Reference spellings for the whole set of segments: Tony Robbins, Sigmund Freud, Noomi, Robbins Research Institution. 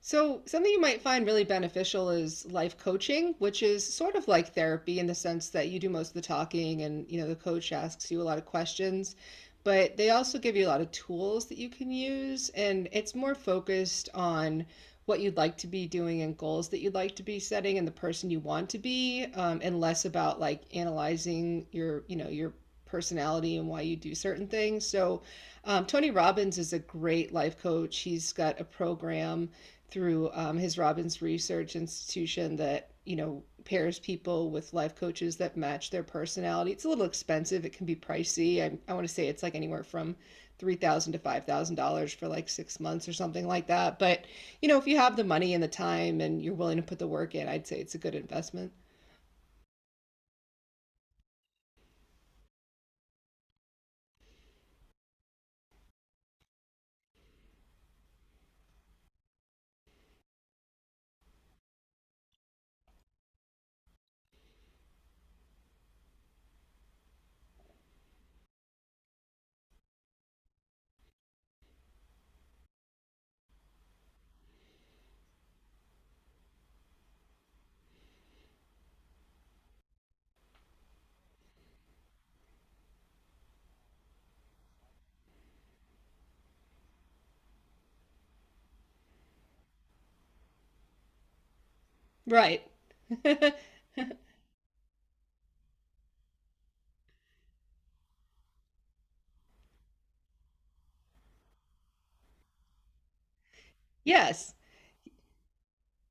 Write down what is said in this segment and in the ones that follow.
So, something you might find really beneficial is life coaching, which is sort of like therapy in the sense that you do most of the talking and, you know, the coach asks you a lot of questions, but they also give you a lot of tools that you can use, and it's more focused on what you'd like to be doing and goals that you'd like to be setting and the person you want to be, and less about like analyzing your personality and why you do certain things. So, Tony Robbins is a great life coach. He's got a program through his Robbins Research Institution that pairs people with life coaches that match their personality. It's a little expensive. It can be pricey. I want to say it's like anywhere from $3,000 to $5,000 for like 6 months or something like that. But if you have the money and the time and you're willing to put the work in, I'd say it's a good investment. Right. Yes.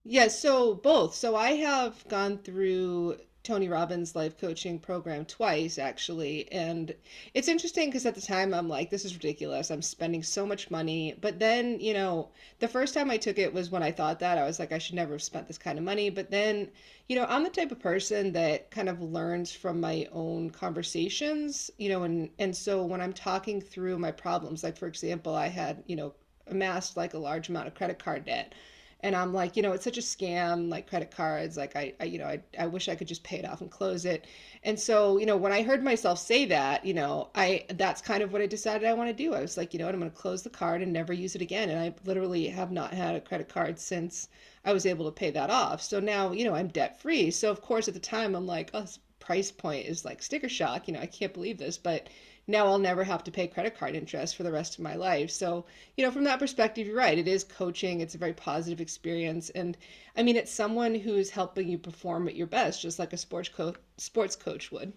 Yes, so both. So I have gone through Tony Robbins' life coaching program twice, actually. And it's interesting because at the time I'm like, this is ridiculous. I'm spending so much money. But then, the first time I took it was when I thought that. I was like, I should never have spent this kind of money. But then, I'm the type of person that kind of learns from my own conversations, and so when I'm talking through my problems, like for example, I had, amassed like a large amount of credit card debt, and I'm like, it's such a scam, like credit cards. Like I wish I could just pay it off and close it. And so, when I heard myself say that, you know, I that's kind of what I decided I want to do. I was like, you know what, I'm going to close the card and never use it again. And I literally have not had a credit card since I was able to pay that off. So now, I'm debt free. So of course, at the time, I'm like, oh, this price point is like sticker shock. I can't believe this, but now I'll never have to pay credit card interest for the rest of my life. So from that perspective, you're right. It is coaching. It's a very positive experience. And I mean, it's someone who's helping you perform at your best, just like a sports coach would.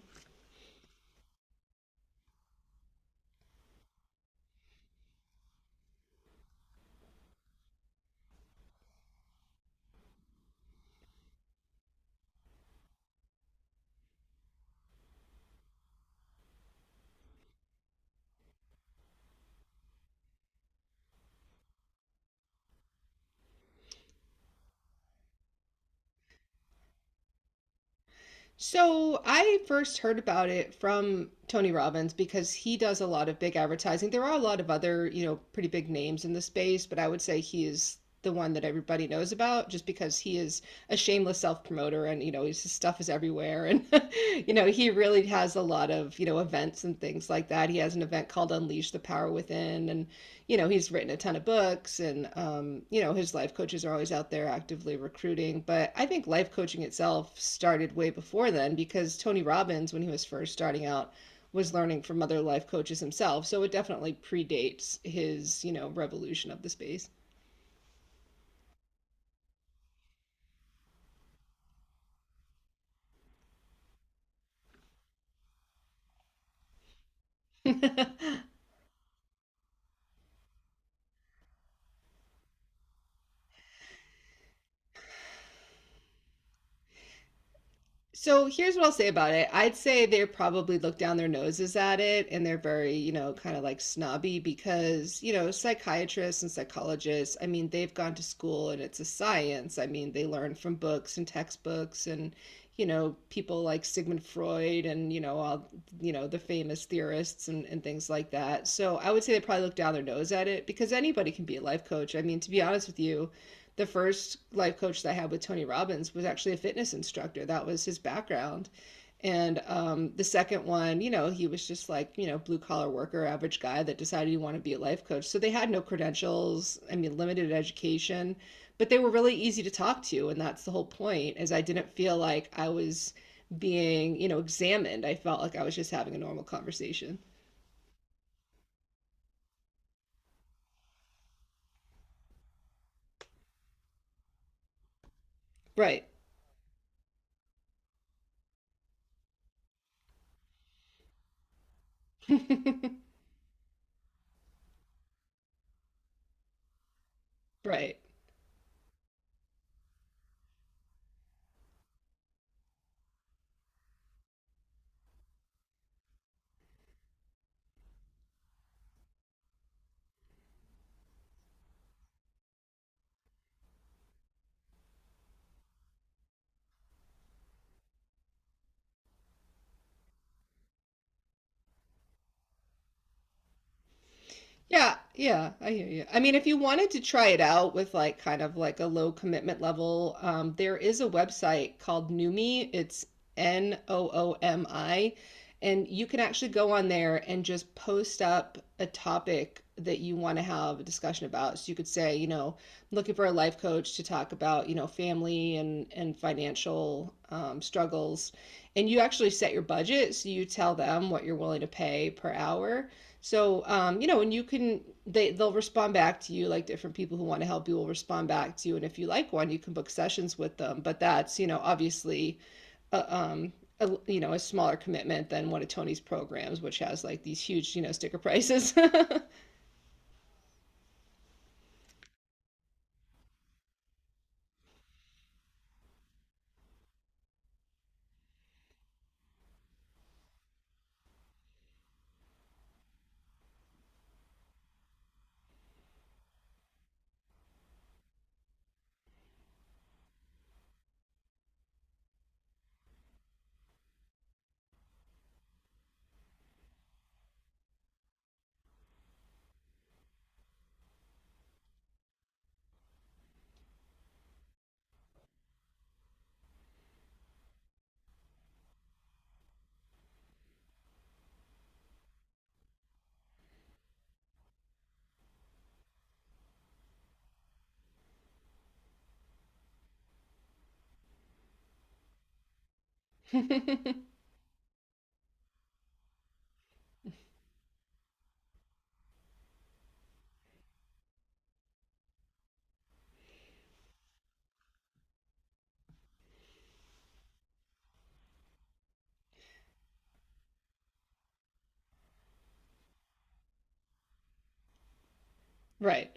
So I first heard about it from Tony Robbins because he does a lot of big advertising. There are a lot of other, pretty big names in the space, but I would say he is the one that everybody knows about just because he is a shameless self-promoter, and his stuff is everywhere. And he really has a lot of events and things like that. He has an event called Unleash the Power Within. And he's written a ton of books. And his life coaches are always out there actively recruiting. But I think life coaching itself started way before then because Tony Robbins, when he was first starting out, was learning from other life coaches himself. So it definitely predates his revolution of the space. So here's what I'll say about it. I'd say they probably look down their noses at it, and they're very kind of like snobby, because psychiatrists and psychologists, I mean, they've gone to school and it's a science. I mean, they learn from books and textbooks and people like Sigmund Freud and all the famous theorists and things like that. So I would say they probably look down their nose at it because anybody can be a life coach. I mean, to be honest with you, the first life coach that I had with Tony Robbins was actually a fitness instructor. That was his background. And the second one, he was just like blue collar worker, average guy that decided he wanted to be a life coach. So they had no credentials, I mean, limited education, but they were really easy to talk to. And that's the whole point, is I didn't feel like I was being examined. I felt like I was just having a normal conversation. Right. Right. Yeah, yeah, I hear you. I mean, if you wanted to try it out with like kind of like a low commitment level, there is a website called Noomi. It's Noomi, and you can actually go on there and just post up a topic that you want to have a discussion about. So you could say, I'm looking for a life coach to talk about family and financial struggles, and you actually set your budget, so you tell them what you're willing to pay per hour. So you know, and you can they they'll respond back to you, like different people who want to help you will respond back to you. And if you like one, you can book sessions with them. But that's obviously a, um, a smaller commitment than one of Tony's programs, which has like these huge sticker prices. Right.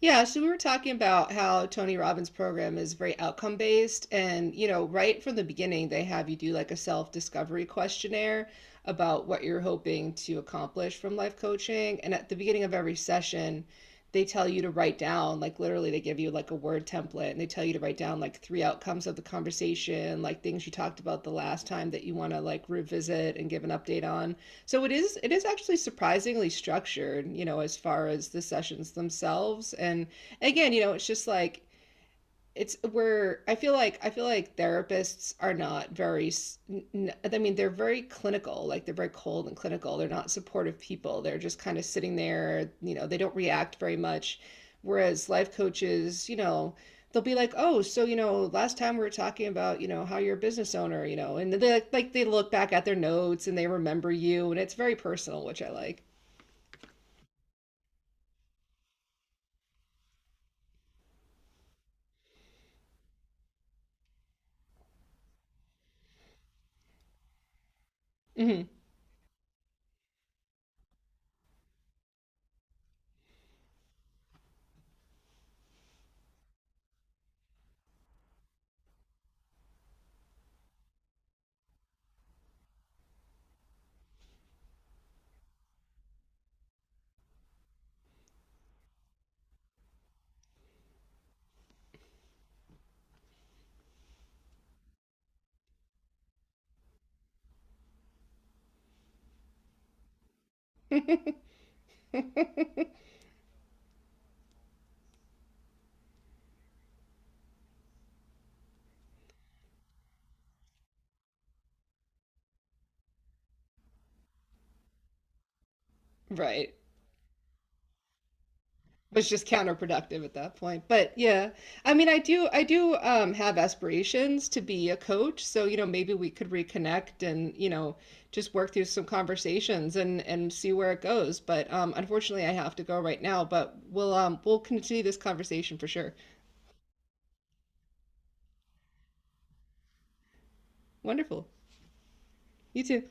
Yeah, so we were talking about how Tony Robbins' program is very outcome based. And right from the beginning, they have you do like a self discovery questionnaire about what you're hoping to accomplish from life coaching. And at the beginning of every session, they tell you to write down, like literally, they give you like a word template and they tell you to write down like three outcomes of the conversation, like things you talked about the last time that you want to like revisit and give an update on. So it is actually surprisingly structured, as far as the sessions themselves. And again, it's just like it's where I feel like therapists are not very. I mean, they're very clinical, like they're very cold and clinical. They're not supportive people. They're just kind of sitting there. They don't react very much, whereas life coaches, they'll be like, oh, so last time we were talking about how you're a business owner, and they like, they look back at their notes and they remember you, and it's very personal, which I like. Hmm. Right. Was just counterproductive at that point. But yeah, I mean, I do have aspirations to be a coach. So, maybe we could reconnect and, just work through some conversations and see where it goes. But unfortunately, I have to go right now. But we'll continue this conversation for sure. Wonderful. You too.